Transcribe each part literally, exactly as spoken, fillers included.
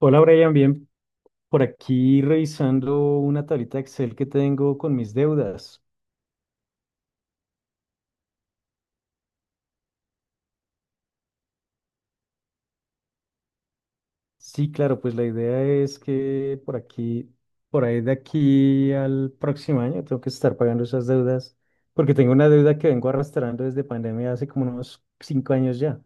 Hola Brian, bien, por aquí revisando una tablita Excel que tengo con mis deudas. Sí, claro, pues la idea es que por aquí, por ahí de aquí al próximo año tengo que estar pagando esas deudas, porque tengo una deuda que vengo arrastrando desde pandemia hace como unos cinco años ya.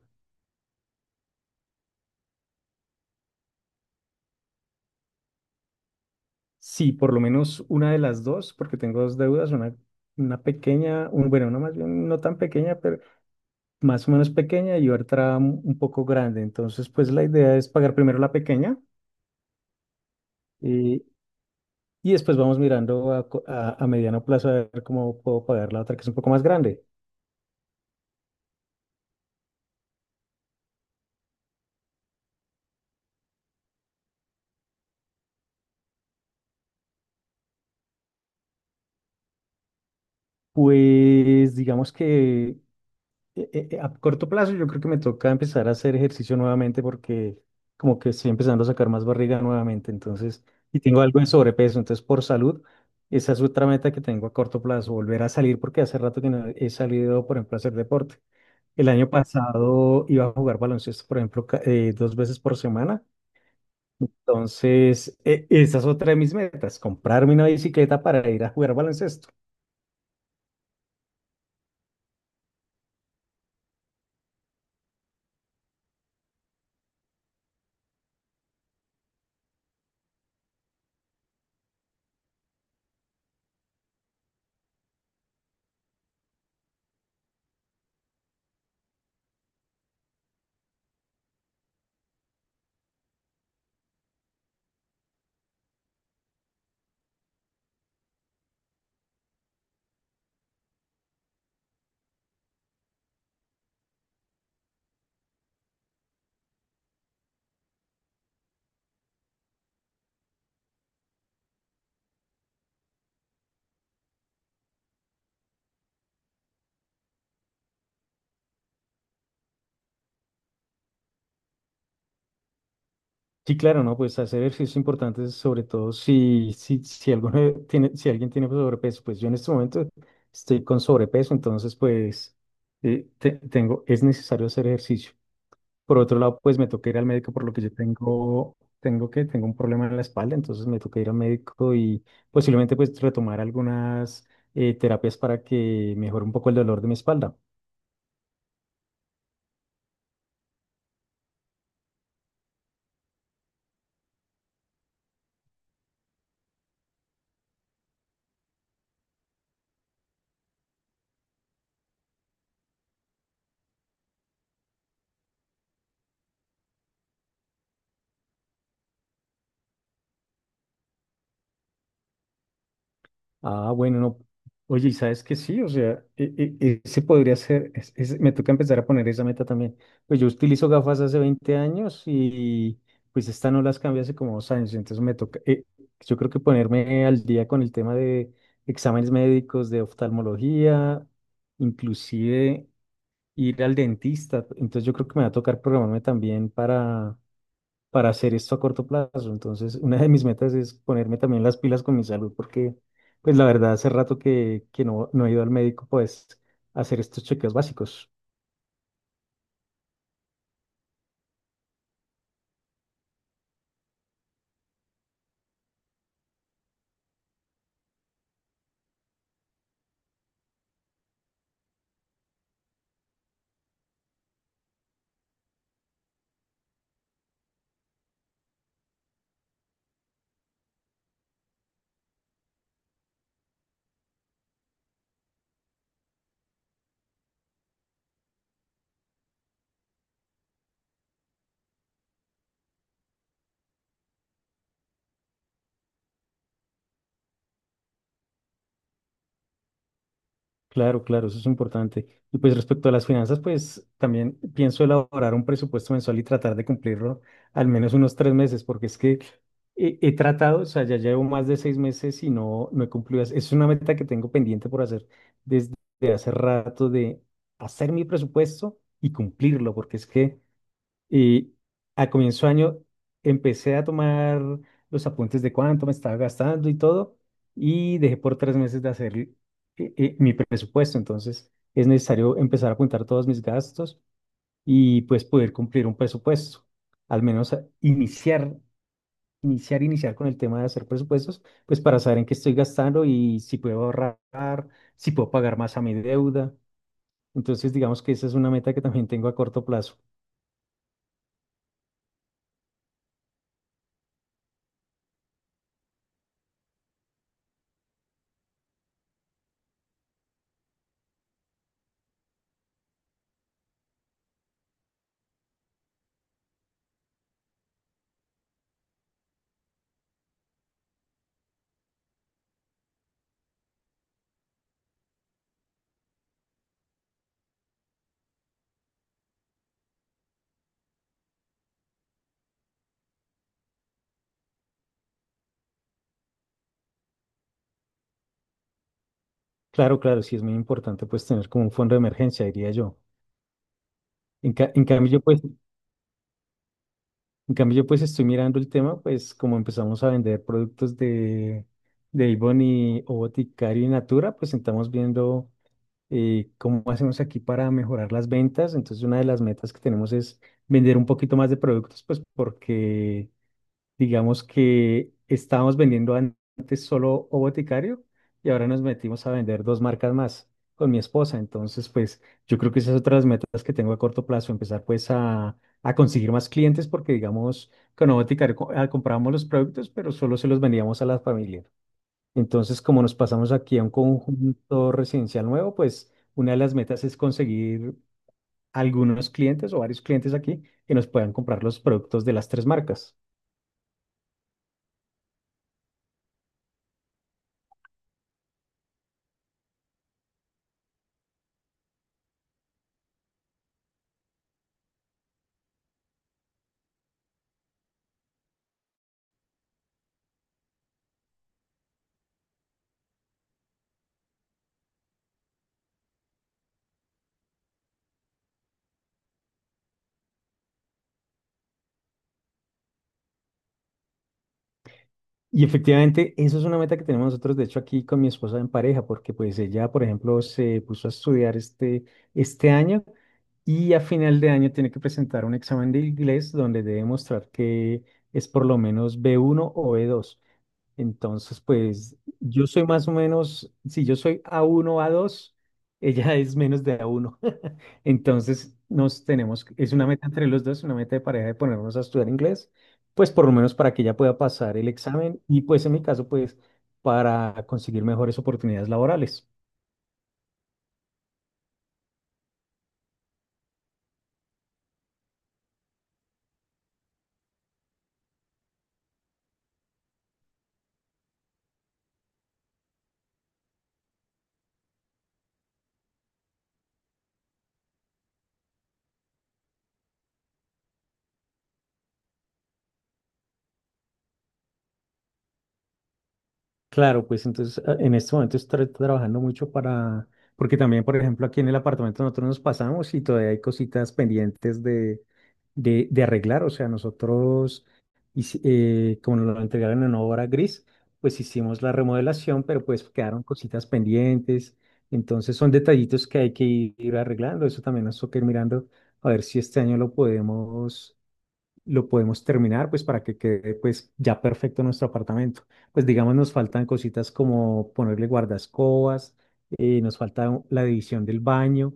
Sí, por lo menos una de las dos, porque tengo dos deudas, una, una pequeña, un, bueno, una más bien no tan pequeña, pero más o menos pequeña y otra un un poco grande. Entonces, pues la idea es pagar primero la pequeña. Y, y después vamos mirando a, co- a- a mediano plazo a ver cómo puedo pagar la otra que es un poco más grande. Pues digamos que eh, eh, eh, a corto plazo yo creo que me toca empezar a hacer ejercicio nuevamente, porque como que estoy empezando a sacar más barriga nuevamente. Entonces, y tengo algo de sobrepeso, entonces por salud, esa es otra meta que tengo a corto plazo: volver a salir, porque hace rato que no he salido, por ejemplo, a hacer deporte. El año pasado iba a jugar baloncesto, por ejemplo, ca- eh, dos veces por semana. Entonces, e- esa es otra de mis metas: comprarme una bicicleta para ir a jugar baloncesto. Sí, claro, ¿no? Pues hacer ejercicio es importante, sobre todo si, si, si, alguno tiene, si alguien tiene sobrepeso. Pues yo en este momento estoy con sobrepeso, entonces pues eh, te- tengo, es necesario hacer ejercicio. Por otro lado, pues me toca ir al médico por lo que yo tengo, tengo que, tengo un problema en la espalda, entonces me toca ir al médico y posiblemente pues retomar algunas eh, terapias para que mejore un poco el dolor de mi espalda. Ah, bueno, no. Oye, ¿y sabes que sí? O sea, e- e- ese podría ser, es- es- me toca empezar a poner esa meta también. Pues yo utilizo gafas hace veinte años y pues esta no las cambié hace como dos años, entonces me toca, eh, yo creo que ponerme al día con el tema de exámenes médicos, de oftalmología, inclusive ir al dentista. Entonces yo creo que me va a tocar programarme también para hacer esto a corto plazo. Entonces, una de mis metas es ponerme también las pilas con mi salud, porque, pues la verdad, hace rato que, que no, no he ido al médico, pues, a hacer estos chequeos básicos. Claro, claro, eso es importante. Y pues respecto a las finanzas, pues también pienso elaborar un presupuesto mensual y tratar de cumplirlo al menos unos tres meses, porque es que he, he tratado. O sea, ya llevo más de seis meses y no, no he cumplido. Es es una meta que tengo pendiente por hacer desde hace rato, de hacer mi presupuesto y cumplirlo, porque es que, y a comienzo de año empecé a tomar los apuntes de cuánto me estaba gastando y todo, y dejé por tres meses de hacer eh, eh, mi presupuesto. Entonces es necesario empezar a apuntar todos mis gastos y pues poder cumplir un presupuesto. Al menos a- iniciar, iniciar, iniciar con el tema de hacer presupuestos, pues para saber en qué estoy gastando y si puedo ahorrar, si puedo pagar más a mi deuda. Entonces digamos que esa es una meta que también tengo a corto plazo. Claro, claro, sí es muy importante pues tener como un fondo de emergencia, diría yo. En, ca- en cambio yo pues, en cambio yo pues estoy mirando el tema, pues como empezamos a vender productos de, de Avon y O Boticario y Natura, pues estamos viendo eh, cómo hacemos aquí para mejorar las ventas. Entonces una de las metas que tenemos es vender un poquito más de productos, pues porque digamos que estábamos vendiendo an- antes solo O Boticario, y ahora nos metimos a vender dos marcas más con mi esposa. Entonces, pues yo creo que esas otras metas que tengo a corto plazo, empezar pues a, a conseguir más clientes, porque digamos con O Boticario co- ah, comprábamos los productos, pero solo se los vendíamos a la familia. Entonces, como nos pasamos aquí a un conjunto residencial nuevo, pues una de las metas es conseguir algunos clientes o varios clientes aquí que nos puedan comprar los productos de las tres marcas. Y efectivamente, eso es una meta que tenemos nosotros, de hecho, aquí con mi esposa en pareja, porque pues ella, por ejemplo, se puso a estudiar este, este año, y a final de año tiene que presentar un examen de inglés donde debe mostrar que es por lo menos b uno o b dos. Entonces, pues yo soy más o menos, si yo soy a uno a dos, ella es menos de a uno. Entonces, nos tenemos, que- es una meta entre los dos, una meta de pareja de ponernos a estudiar inglés, pues por lo menos para que ella pueda pasar el examen, y pues en mi caso, pues para conseguir mejores oportunidades laborales. Claro, pues entonces a- en este momento estoy trabajando mucho para, porque también, por ejemplo, aquí en el apartamento nosotros nos pasamos y todavía hay cositas pendientes de, de, de arreglar. O sea, nosotros, hici- eh, como nos lo entregaron en obra gris, pues hicimos la remodelación, pero pues quedaron cositas pendientes. Entonces son detallitos que hay que ir arreglando. Eso también nos toca ir mirando a ver si este año lo podemos lo podemos terminar, pues para que quede pues ya perfecto nuestro apartamento. Pues digamos nos faltan cositas como ponerle guardascobas, eh, nos falta la división del baño,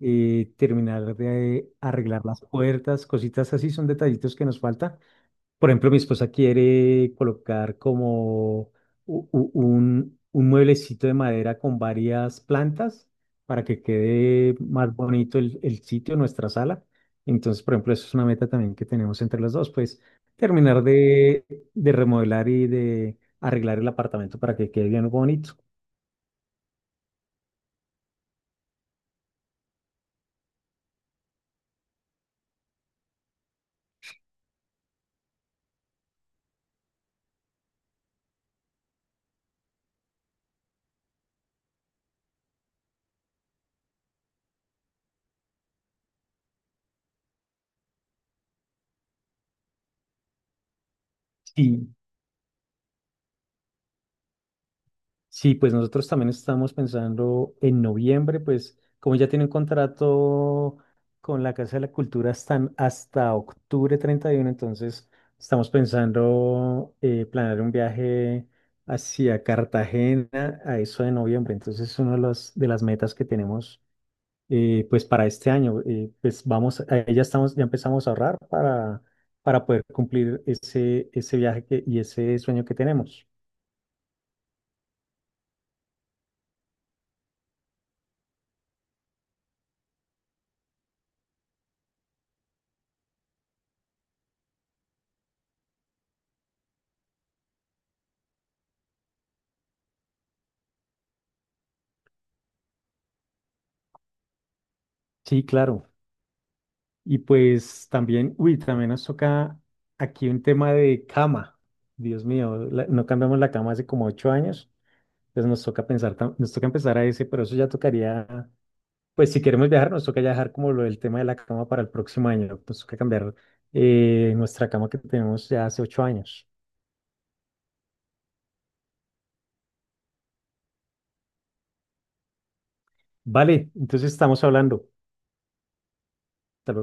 eh, terminar de arreglar las puertas, cositas así, son detallitos que nos falta. Por ejemplo, mi esposa quiere colocar como u- u- un, un mueblecito de madera con varias plantas para que quede más bonito el, el sitio, nuestra sala. Entonces, por ejemplo, eso es una meta también que tenemos entre los dos, pues terminar de, de remodelar y de arreglar el apartamento para que quede bien bonito. Sí. Sí, pues nosotros también estamos pensando en noviembre, pues como ya tiene un contrato con la Casa de la Cultura hasta, hasta octubre treinta y uno. Entonces estamos pensando eh, planear un viaje hacia Cartagena a eso de noviembre. Entonces es una de las, de las metas que tenemos eh, pues para este año. Eh, pues vamos, a- ya estamos, ya empezamos a ahorrar para, para poder cumplir ese, ese viaje que- y ese sueño que tenemos. Sí, claro. Y pues también, uy, también nos toca aquí un tema de cama. Dios mío, la- no cambiamos la cama hace como ocho años, entonces nos toca pensar, tam- nos toca empezar a ese, pero eso ya tocaría, pues si queremos viajar, nos toca ya dejar como lo del tema de la cama para el próximo año. Nos toca cambiar eh, nuestra cama que tenemos ya hace ocho años. Vale, entonces estamos hablando. Hasta